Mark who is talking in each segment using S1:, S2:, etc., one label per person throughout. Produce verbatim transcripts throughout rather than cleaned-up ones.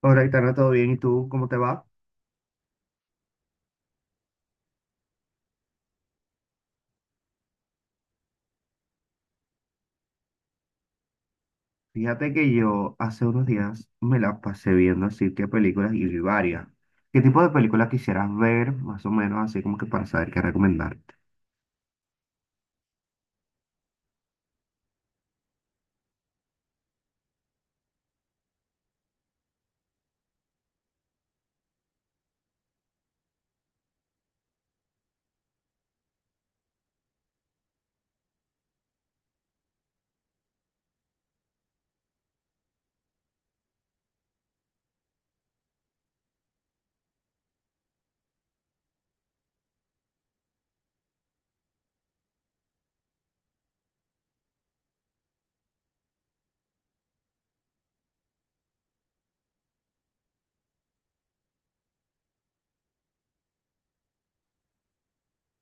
S1: Hola, Itana, ¿todo bien? ¿Y tú cómo te va? Fíjate que yo hace unos días me la pasé viendo así que películas y vi varias. ¿Qué tipo de películas quisieras ver, más o menos, así como que para saber qué recomendarte?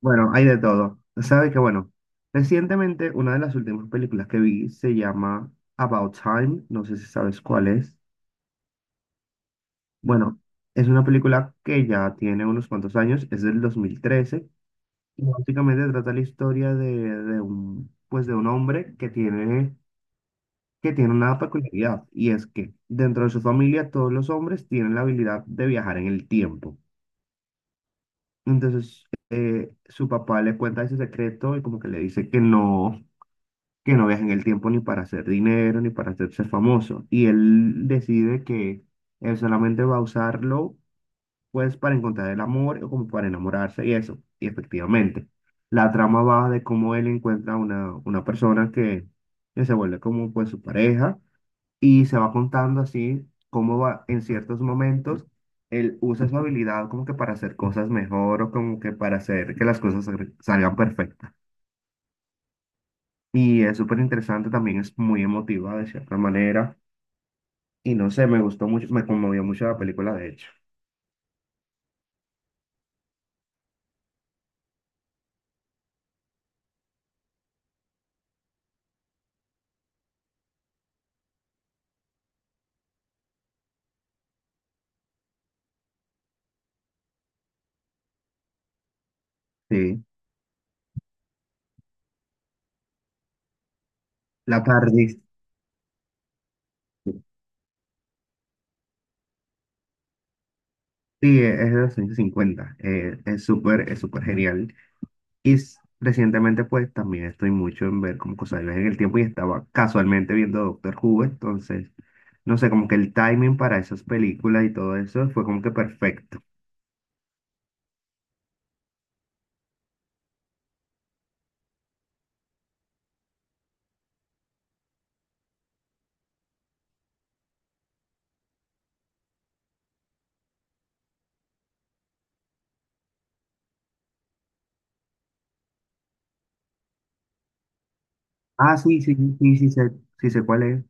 S1: Bueno, hay de todo. Sabes que, bueno, recientemente una de las últimas películas que vi se llama About Time, no sé si sabes cuál es. Bueno, es una película que ya tiene unos cuantos años, es del dos mil trece. Y básicamente trata la historia de, de un, pues de un hombre que tiene que tiene una peculiaridad y es que dentro de su familia todos los hombres tienen la habilidad de viajar en el tiempo. Entonces, eh, su papá le cuenta ese secreto y como que le dice que no, que no viaje en el tiempo ni para hacer dinero ni para hacerse famoso. Y él decide que él solamente va a usarlo pues para encontrar el amor o como para enamorarse y eso. Y efectivamente, la trama va de cómo él encuentra una, una persona que, que se vuelve como pues su pareja y se va contando así cómo va en ciertos momentos él usa su habilidad como que para hacer cosas mejor o como que para hacer que las cosas sal- salgan perfectas. Y es súper interesante, también es muy emotiva de cierta manera. Y no sé, me gustó mucho, me conmovió mucho la película, de hecho. Sí, la tardis. Sí, es de los años cincuenta. Eh, es súper, es súper genial. Y s- recientemente, pues, también estoy mucho en ver como cosas de viajes en el tiempo y estaba casualmente viendo Doctor Who, entonces, no sé, como que el timing para esas películas y todo eso fue como que perfecto. Ah, sí, sí, sí, sí, sé, sí sé cuál es.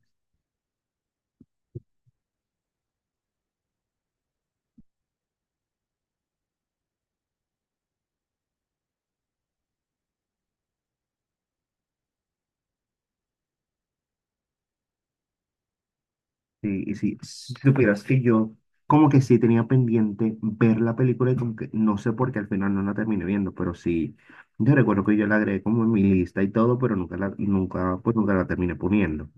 S1: Sí, y sí, si supieras que yo como que sí tenía pendiente ver la película y como que no sé por qué al final no la terminé viendo, pero sí, yo recuerdo que yo la agregué como en mi lista y todo, pero nunca la, nunca, pues nunca la terminé poniendo.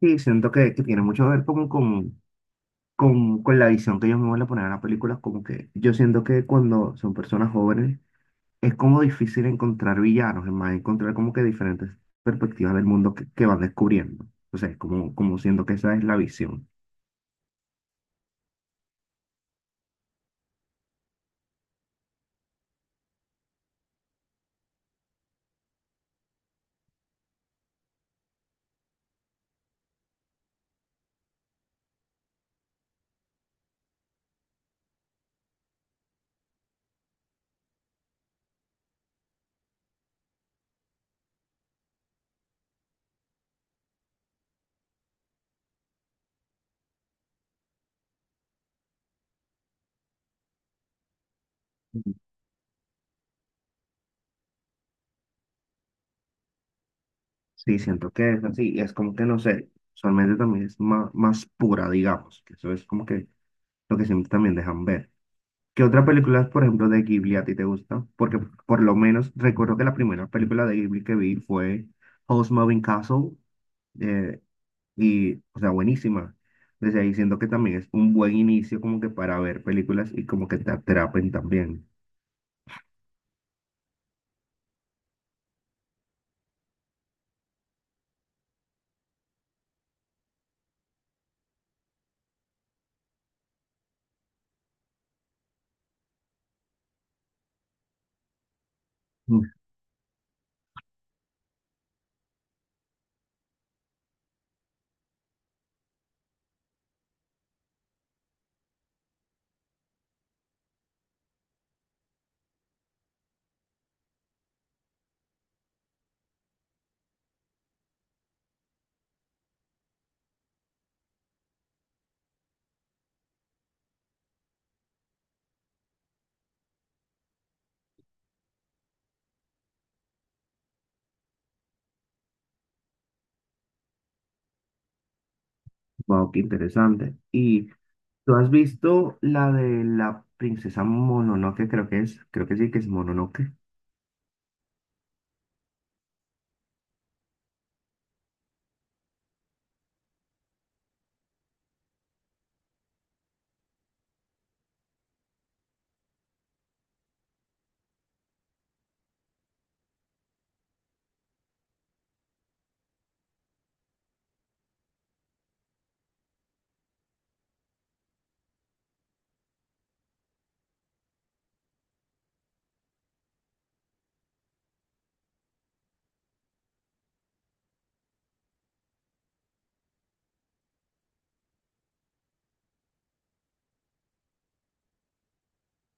S1: Sí, siento que, que tiene mucho que ver como con con, con la visión que ellos mismos le ponen a la película, como que yo siento que cuando son personas jóvenes es como difícil encontrar villanos, es más, encontrar como que diferentes perspectivas del mundo que, que van descubriendo. O sea, es como, como siento que esa es la visión. Ujú. Sí, siento que es así, y es como que no sé, usualmente también es más, más pura, digamos, que eso es como que lo que siempre también dejan ver. ¿Qué otra película, por ejemplo, de Ghibli a ti te gusta? Porque por lo menos recuerdo que la primera película de Ghibli que vi fue House Moving Castle. Eh, Y, o sea, buenísima. Desde ahí siento que también es un buen inicio como que para ver películas y como que te atrapen también. Mm. Wow, qué interesante. ¿Y tú has visto la de la princesa Mononoke? Creo que es, creo que sí, que es Mononoke.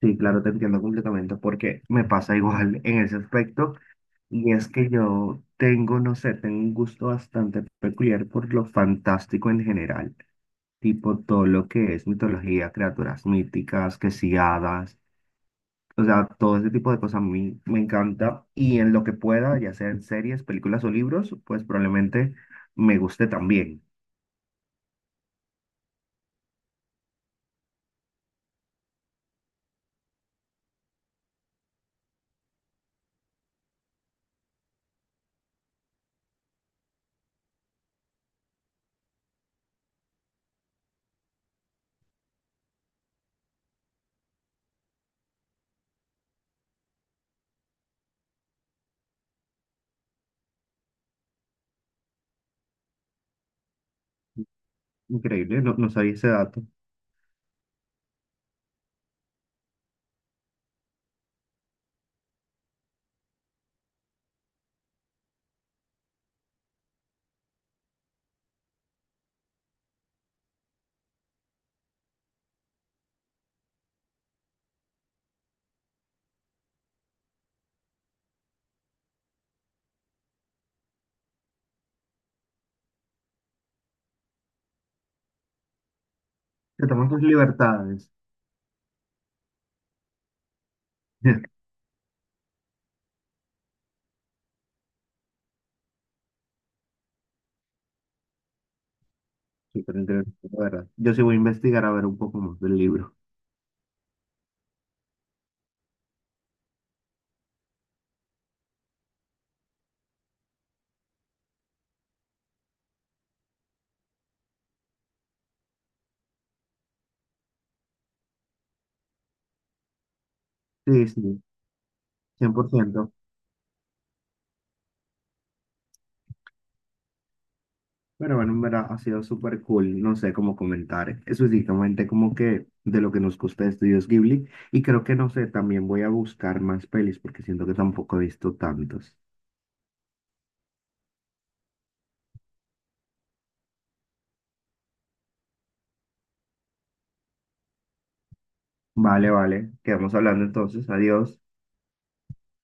S1: Sí, claro, te entiendo completamente porque me pasa igual en ese aspecto. Y es que yo tengo, no sé, tengo un gusto bastante peculiar por lo fantástico en general. Tipo todo lo que es mitología, criaturas míticas, que si hadas. O sea, todo ese tipo de cosas a mí me encanta y en lo que pueda, ya sea en series, películas o libros, pues probablemente me guste también. Increíble, no, no sabía ese dato. Te toman tus libertades. Súper interesante, la verdad. Yo sí voy a investigar a ver un poco más del libro. Sí, sí, cien por ciento. Pero bueno, en verdad ha sido súper cool, no sé cómo comentar específicamente como que de lo que nos gusta de Estudios Ghibli. Y creo que, no sé, también voy a buscar más pelis porque siento que tampoco he visto tantos. Vale, vale. Quedamos hablando entonces. Adiós.